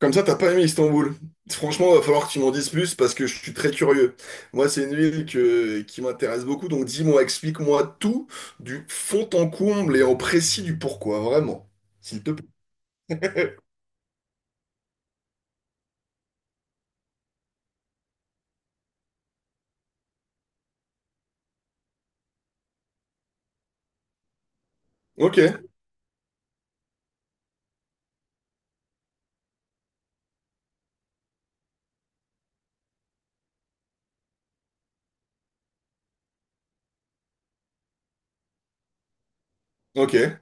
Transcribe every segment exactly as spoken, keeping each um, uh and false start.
Comme ça, t'as pas aimé Istanbul. Franchement, va falloir que tu m'en dises plus parce que je suis très curieux. Moi, c'est une ville que, qui m'intéresse beaucoup, donc dis-moi, explique-moi tout du fond en comble et en précis du pourquoi, vraiment. S'il te plaît. Ok, ok.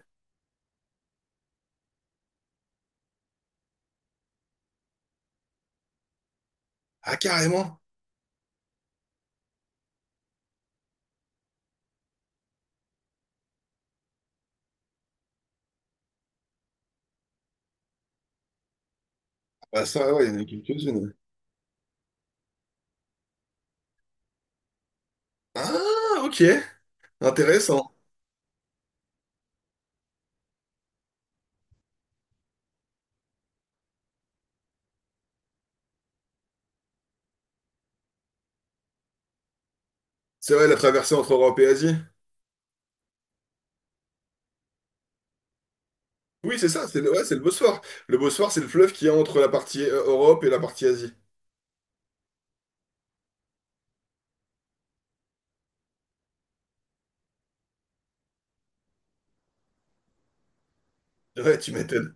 Ah, carrément. Ah, ça, ouais, il y en a quelques-unes. Ah, ok. Intéressant. C'est vrai, la traversée entre Europe et Asie. Oui, c'est ça, c'est le, ouais, c'est le Bosphore. Le Bosphore, c'est le fleuve qui est entre la partie euh, Europe et la partie Asie. Ouais, tu m'étonnes.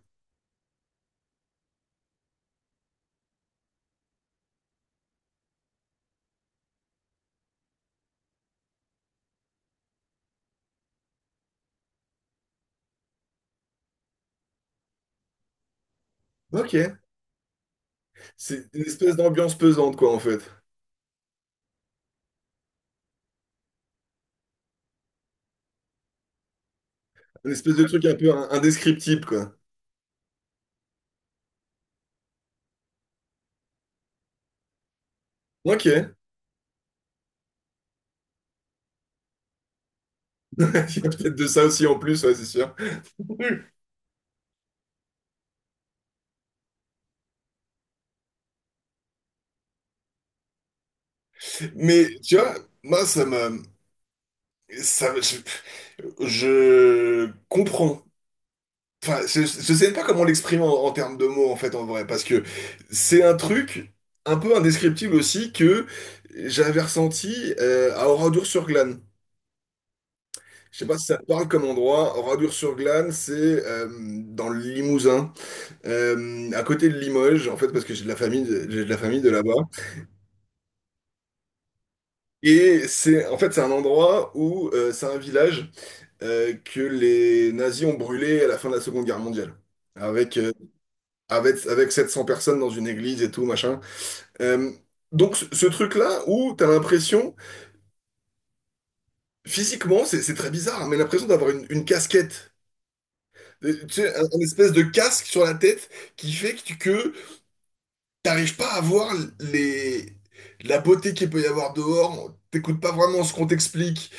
Ok. C'est une espèce d'ambiance pesante, quoi, en fait. Une espèce de truc un peu in- indescriptible, quoi. Ok. Il y a peut-être de ça aussi en plus, ouais, c'est sûr. Mais tu vois. Moi, ça me... Ça, me- je, je comprends. Enfin, je, je sais pas comment l'exprimer en, en termes de mots, en fait, en vrai. Parce que c'est un truc un peu indescriptible aussi que j'avais ressenti euh, à Oradour-sur-Glane. Je sais pas si ça te parle comme endroit. Oradour-sur-Glane, c'est euh, dans le Limousin. Euh, à côté de Limoges, en fait, parce que j'ai de la famille, de- j'ai de la famille de là-bas. Et c'est, en fait, c'est un endroit où euh, c'est un village euh, que les nazis ont brûlé à la fin de la Seconde Guerre mondiale, avec euh, avec avec sept cents personnes dans une église et tout machin. Euh, donc ce, ce truc-là où t'as l'impression, physiquement, c'est c'est très bizarre, mais l'impression d'avoir une, une casquette. Euh, Tu sais, un, un espèce de casque sur la tête qui fait que, tu- que t'arrives pas à voir les... la beauté qu'il peut y avoir dehors, t'écoutes pas vraiment ce qu'on t'explique,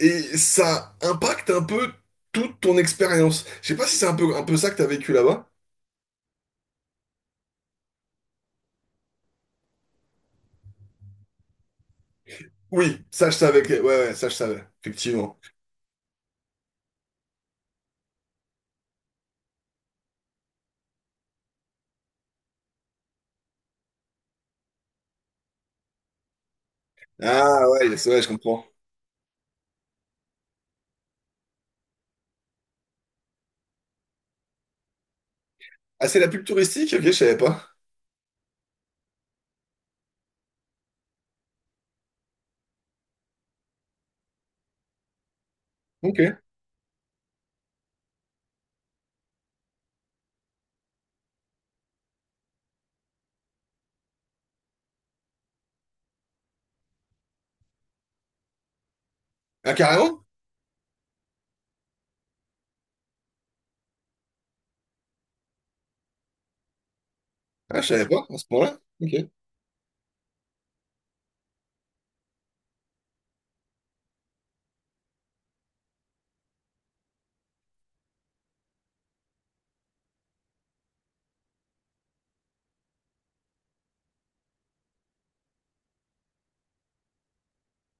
et ça impacte un peu toute ton expérience. Je sais pas si c'est un peu, un peu ça que t'as vécu là-bas. Oui, ça je savais, que- ouais, ouais, ça je savais, effectivement. Ah ouais, ouais, je comprends. Ah, c'est la pub touristique? Ok, je savais pas. Ok. Ah, carrément? Ah, je savais pas, à ce point-là. Ok.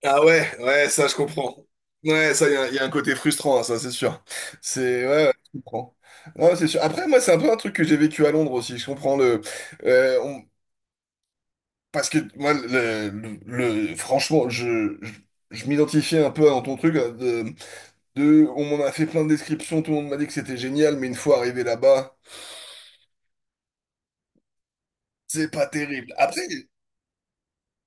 Ah ouais, ouais, ça je comprends. Ouais, ça, il y, a il y a un côté frustrant, hein, ça c'est sûr. C'est... Ouais, ouais, je comprends. Non, c'est sûr. Après, moi, c'est un peu un truc que j'ai vécu à Londres aussi. Je comprends. le... euh, on- Parce que moi, le, le- le- franchement, je, je, je m'identifiais un peu dans ton truc, hein. De, de, on m'en a fait plein de descriptions, tout le monde m'a dit que c'était génial, mais une fois arrivé là-bas, c'est pas terrible. Après,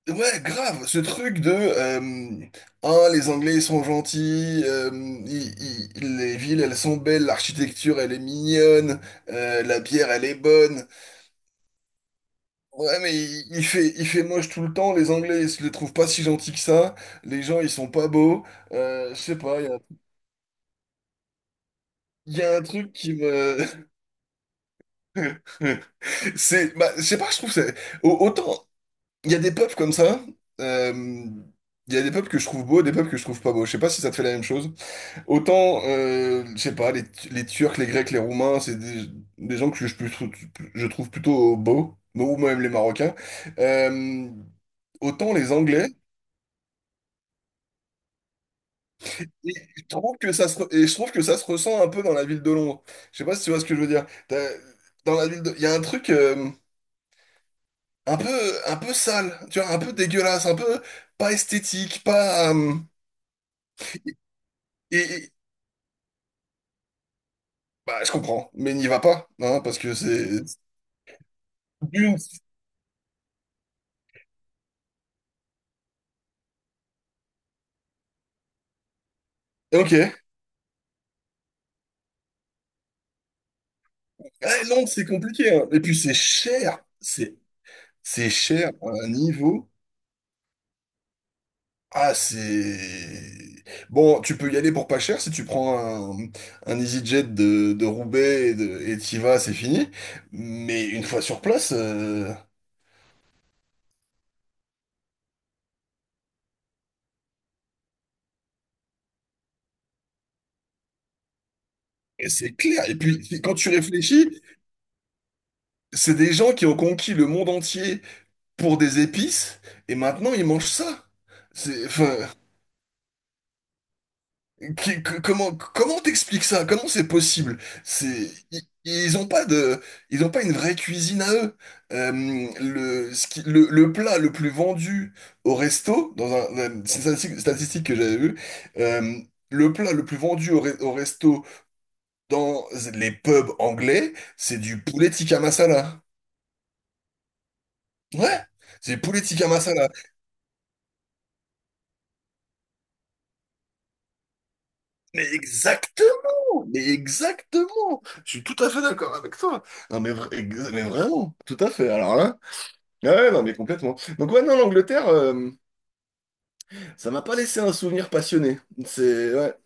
ouais, grave, ce truc de euh, un, les Anglais ils sont gentils, euh, ils- ils- ils- les villes elles sont belles, l'architecture elle est mignonne, euh, la bière elle est bonne. Ouais, mais il, il fait il fait moche tout le temps. Les Anglais ils se les trouvent pas si gentils que ça. Les gens ils sont pas beaux. Euh, je sais pas, il y a, il y a un truc qui me c'est, bah, je sais pas, je trouve que c'est au- autant il y a des peuples comme ça. euh, Il y a des peuples que je trouve beaux, des peuples que je trouve pas beaux. Je sais pas si ça te fait la même chose. Autant, euh, je sais pas, les, les Turcs, les Grecs, les Roumains, c'est des, des gens que je, peux trou- je trouve plutôt beaux, ou même les Marocains. Euh, Autant les Anglais, et je trouve que ça se, re- et je trouve que ça se ressent un peu dans la ville de Londres. Je sais pas si tu vois ce que je veux dire. T'as- Dans la ville de, Il y a un truc euh, un peu, un peu, sale, tu vois, un peu dégueulasse, un peu pas esthétique, pas. euh, et, et- Bah, je comprends, mais n'y va pas, hein, parce que c'est. D'une- Ok. Ouais, non, c'est compliqué, hein. Et puis c'est cher. C'est c'est cher à un niveau. Ah, c'est... bon, tu peux y aller pour pas cher si tu prends un, un EasyJet de, de Roubaix et de, et t'y vas, c'est fini. Mais une fois sur place, euh, et c'est clair. Et puis, c'est- quand tu réfléchis, c'est des gens qui ont conquis le monde entier pour des épices et maintenant ils mangent ça. C'est, enfin. Qui- que- comment comment t'expliques ça? Comment c'est possible? C'est i- ils, ont pas de ils ont pas une vraie cuisine à eux. Euh, le, ce qui- le le plat le plus vendu au resto dans un, un- c'est une statistique statistique que j'avais vue. euh, le plat le plus vendu au, re- au resto dans les pubs anglais, c'est du poulet tikka masala. Ouais, c'est du poulet tikka masala. Mais exactement, mais exactement. Je suis tout à fait d'accord avec toi. Non mais, vra- ex- mais vraiment, tout à fait. Alors là, ah ouais, non mais complètement. Donc ouais, non, l'Angleterre, euh, ça m'a pas laissé un souvenir passionné. C'est, ouais.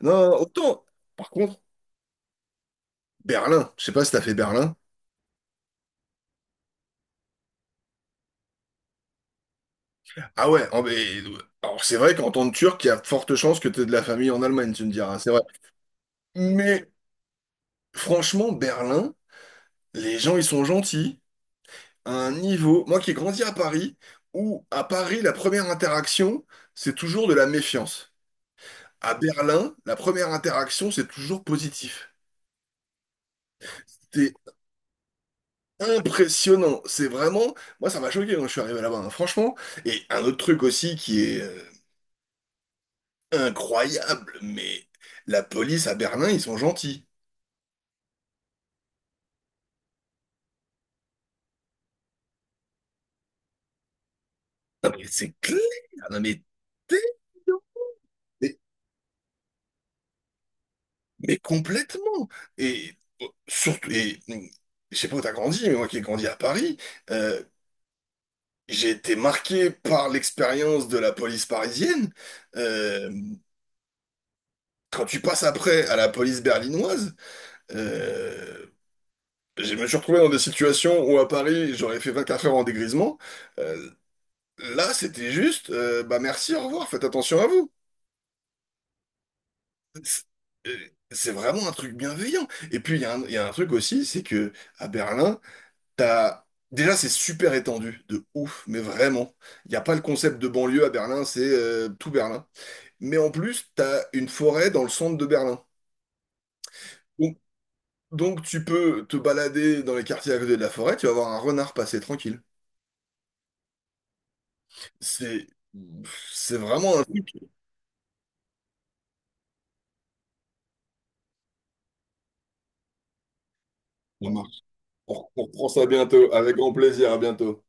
Non, autant. Par contre, Berlin. Je sais pas si t'as fait Berlin. Ah ouais. oh, mais- Alors c'est vrai qu'en tant que Turc, il y a de fortes chances que t'aies de la famille en Allemagne, tu me diras. C'est vrai. Mais franchement, Berlin, les gens ils sont gentils. Un niveau, moi qui ai grandi à Paris, où à Paris, la première interaction, c'est toujours de la méfiance. À Berlin, la première interaction, c'est toujours positif. C'était impressionnant. C'est vraiment, moi ça m'a choqué quand je suis arrivé là-bas, hein, franchement. Et un autre truc aussi qui est euh, incroyable, mais la police à Berlin, ils sont gentils. Non, mais c'est clair, non, mais t'es idiot. mais, mais complètement. Et euh, surtout, et mm, je sais pas où t'as grandi, mais moi qui ai grandi à Paris. euh, J'ai été marqué par l'expérience de la police parisienne. Euh, Quand tu passes après à la police berlinoise, euh, je me suis retrouvé dans des situations où à Paris, j'aurais fait vingt-quatre heures en dégrisement. Euh, Là, c'était juste, euh, bah merci, au revoir, faites attention à vous. C'est euh, c'est vraiment un truc bienveillant. Et puis, il y a un, il y a un truc aussi, c'est que à Berlin, t'as... Déjà, c'est super étendu, de ouf, mais vraiment. Il n'y a pas le concept de banlieue à Berlin, c'est euh, tout Berlin. Mais en plus, tu as une forêt dans le centre de Berlin. Donc, donc tu peux te balader dans les quartiers à côté de la forêt, tu vas voir un renard passer tranquille. C'est, c'est vraiment un truc. Ça marche. On reprend ça bientôt, avec grand plaisir, à bientôt.